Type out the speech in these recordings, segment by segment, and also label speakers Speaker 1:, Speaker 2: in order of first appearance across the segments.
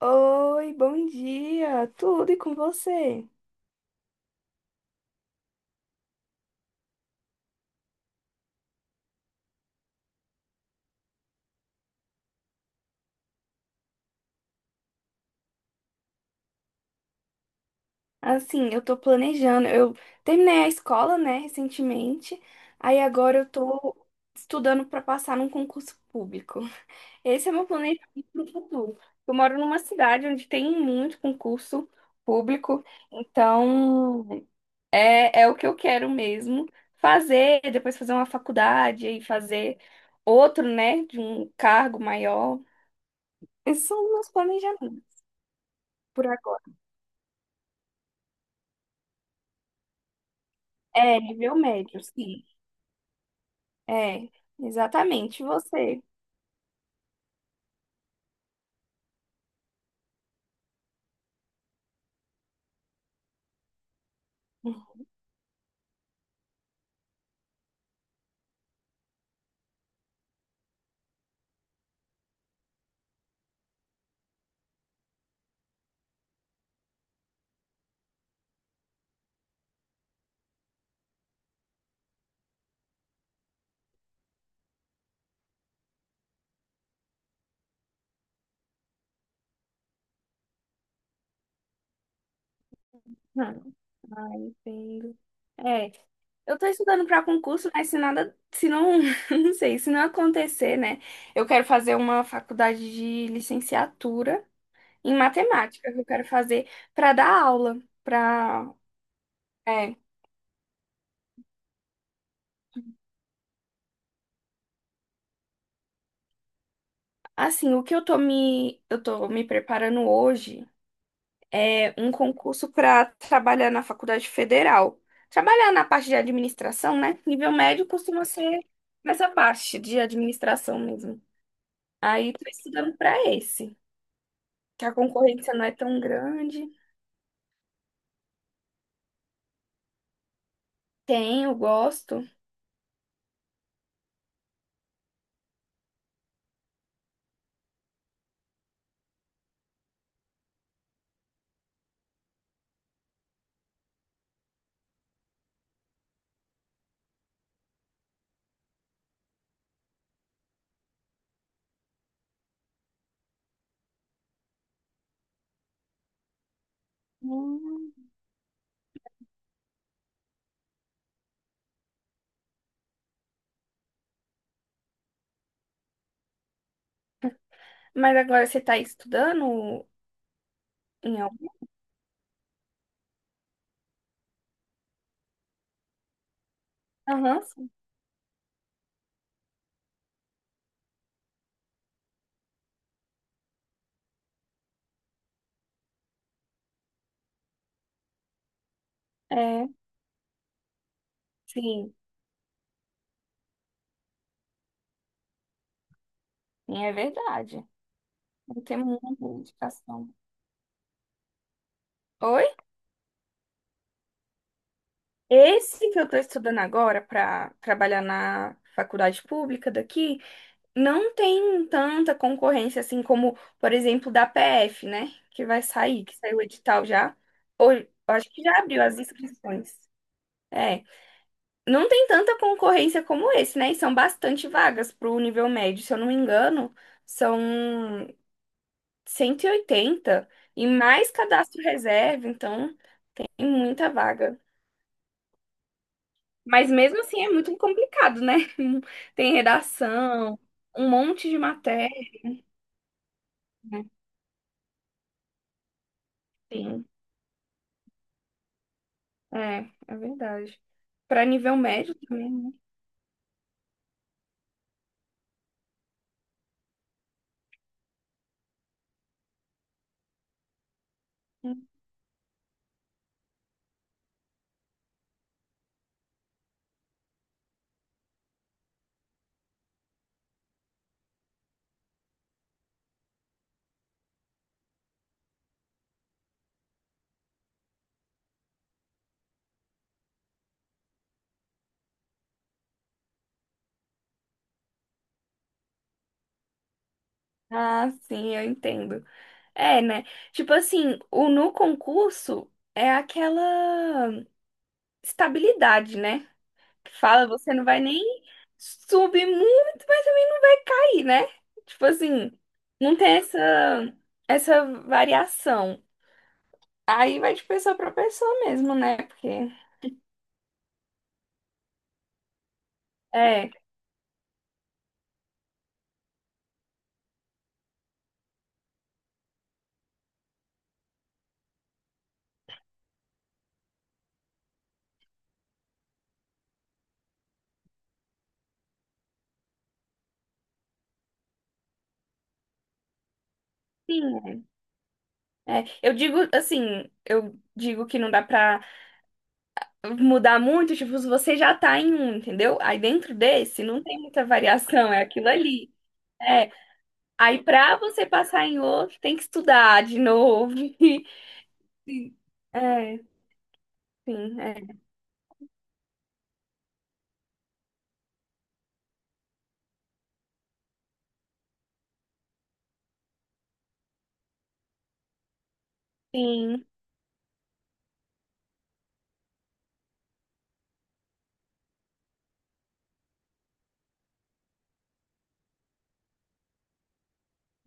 Speaker 1: Oi, bom dia. Tudo e com você? Assim, eu tô planejando. Eu Terminei a escola, né, recentemente. Aí agora eu tô estudando pra passar num concurso público. Esse é meu planejamento pro futuro. Eu moro numa cidade onde tem muito concurso público, então é o que eu quero mesmo fazer, depois fazer uma faculdade e fazer outro, né, de um cargo maior. Esses são os meus planejamentos por agora. É, nível médio, sim. É, exatamente você. Ah, ah, entendo. É, eu tô estudando para concurso, mas se não, não sei, se não acontecer, né? Eu quero fazer uma faculdade de licenciatura em matemática, que eu quero fazer para dar aula, para, é, assim, o que eu tô me preparando hoje. É, um concurso para trabalhar na faculdade federal. Trabalhar na parte de administração, né? Nível médio costuma ser nessa parte de administração mesmo. Aí tô estudando para esse, que a concorrência não é tão grande. Tenho, gosto. Hum. Mas agora você está estudando em algum? Aham, sim. É, sim, sim, é verdade. Não tem muita indicação. Oi? Esse que eu estou estudando agora para trabalhar na faculdade pública daqui não tem tanta concorrência assim como, por exemplo, da PF, né? Que vai sair, que saiu o edital já. Ou eu acho que já abriu as inscrições. É, não tem tanta concorrência como esse, né? E são bastante vagas para o nível médio, se eu não me engano, são 180 e oitenta e mais cadastro reserva, então tem muita vaga. Mas mesmo assim é muito complicado, né? Tem redação, um monte de matéria. Sim. É, é verdade. Para nível médio também, né? Ah, sim, eu entendo. É, né? Tipo assim, o no concurso é aquela estabilidade, né? Que fala, você não vai nem subir muito, mas também vai ir, né? Tipo assim, não tem essa variação. Aí vai de pessoa para pessoa mesmo, né? Porque é, sim, é. Eu digo assim, eu digo que não dá para mudar muito, tipo, você já tá em um, entendeu? Aí dentro desse não tem muita variação, é aquilo ali. É, aí pra você passar em outro, tem que estudar de novo. Sim. É, sim, é, sim,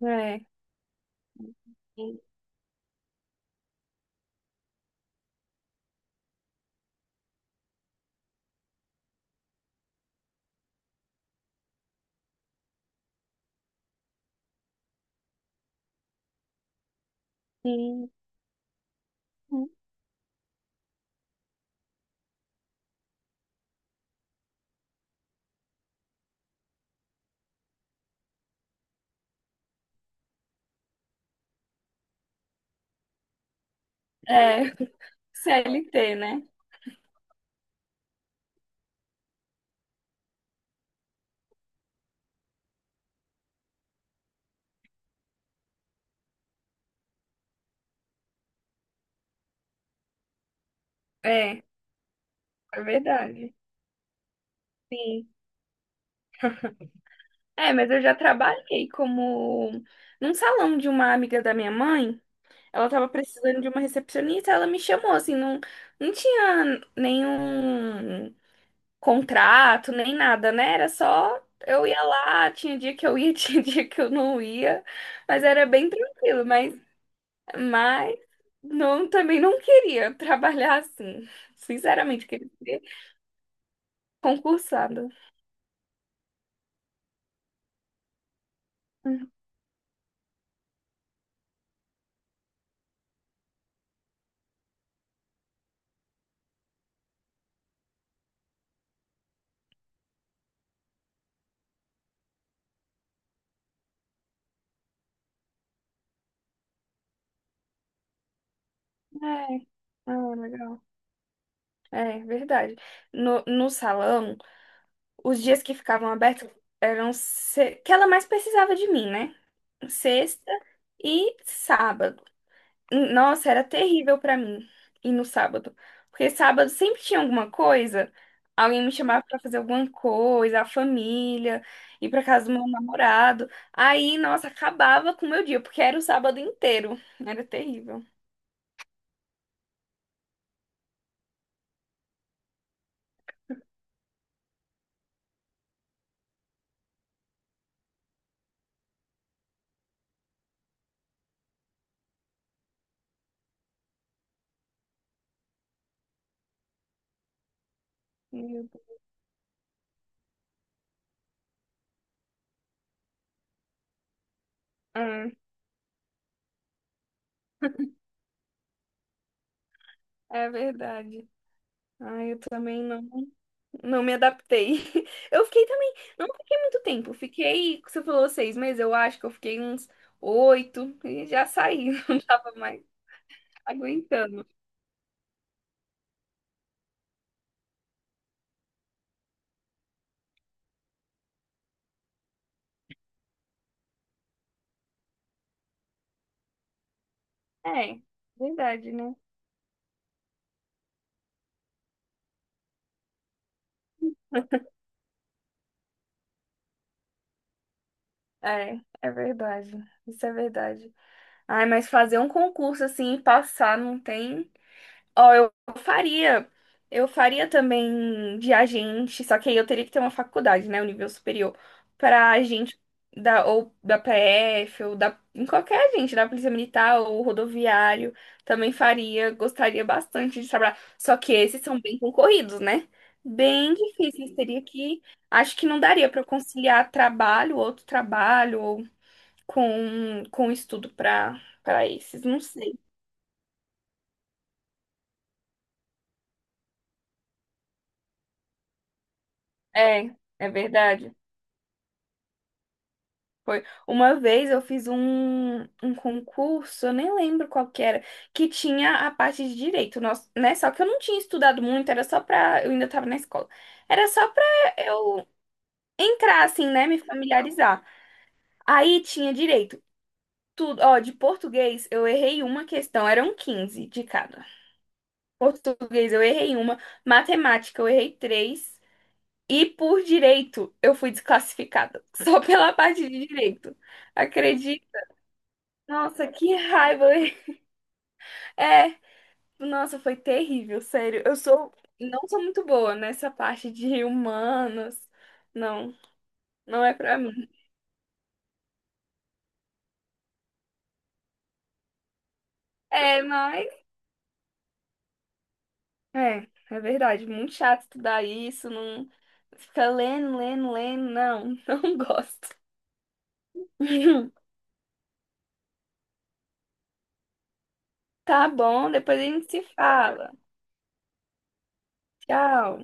Speaker 1: é, sim, sim. É, CLT, né? É, é verdade. Sim. É, mas eu já trabalhei como num salão de uma amiga da minha mãe. Ela tava precisando de uma recepcionista, ela me chamou, assim, não, não tinha nenhum contrato, nem nada, né? Era só eu ia lá, tinha dia que eu ia, tinha dia que eu não ia, mas era bem tranquilo, mas não, também não queria trabalhar assim. Sinceramente, queria ser concursada. Hum. É, ah, legal. É, verdade. No salão, os dias que ficavam abertos eram se... que ela mais precisava de mim, né? Sexta e sábado. Nossa, era terrível pra mim ir no sábado, porque sábado sempre tinha alguma coisa, alguém me chamava pra fazer alguma coisa, a família, ir pra casa do meu namorado. Aí, nossa, acabava com o meu dia, porque era o sábado inteiro. Era terrível. Meu Deus. Ah, é verdade. Ah, eu também não. Não me adaptei. Eu fiquei também, não fiquei muito tempo. Fiquei, você falou 6 meses, eu acho que eu fiquei uns oito e já saí, não tava mais aguentando. É, verdade, né? É, é verdade. Isso é verdade. Ai, mas fazer um concurso assim e passar não tem. Ó, eu faria. Eu faria também de agente, só que aí eu teria que ter uma faculdade, né? O nível superior. Pra agente da, ou da PF, ou da, em qualquer agente, da Polícia Militar ou rodoviário. Também faria, gostaria bastante de trabalhar. Só que esses são bem concorridos, né? Bem difíceis. Teria que. Acho que não daria pra eu conciliar trabalho, outro trabalho, ou com estudo pra, pra esses. Não sei. É, é verdade. Foi. Uma vez eu fiz um concurso, eu nem lembro qual que era, que tinha a parte de direito, nós, né? Só que eu não tinha estudado muito, era só pra. Eu ainda tava na escola. Era só pra eu entrar, assim, né? Me familiarizar. Aí tinha direito. Tudo, ó, de português eu errei uma questão, eram 15 de cada. Português eu errei uma, matemática eu errei três, e por direito eu fui desclassificada, só pela parte de direito. Nossa, que raiva! É, nossa, foi terrível, sério. Eu sou, não sou muito boa nessa parte de humanos. Não, não é pra mim. É, mas é, é verdade, muito chato estudar isso, não fica lendo, lendo, lendo, não, não gosto. Tá bom, depois a gente se fala. Tchau.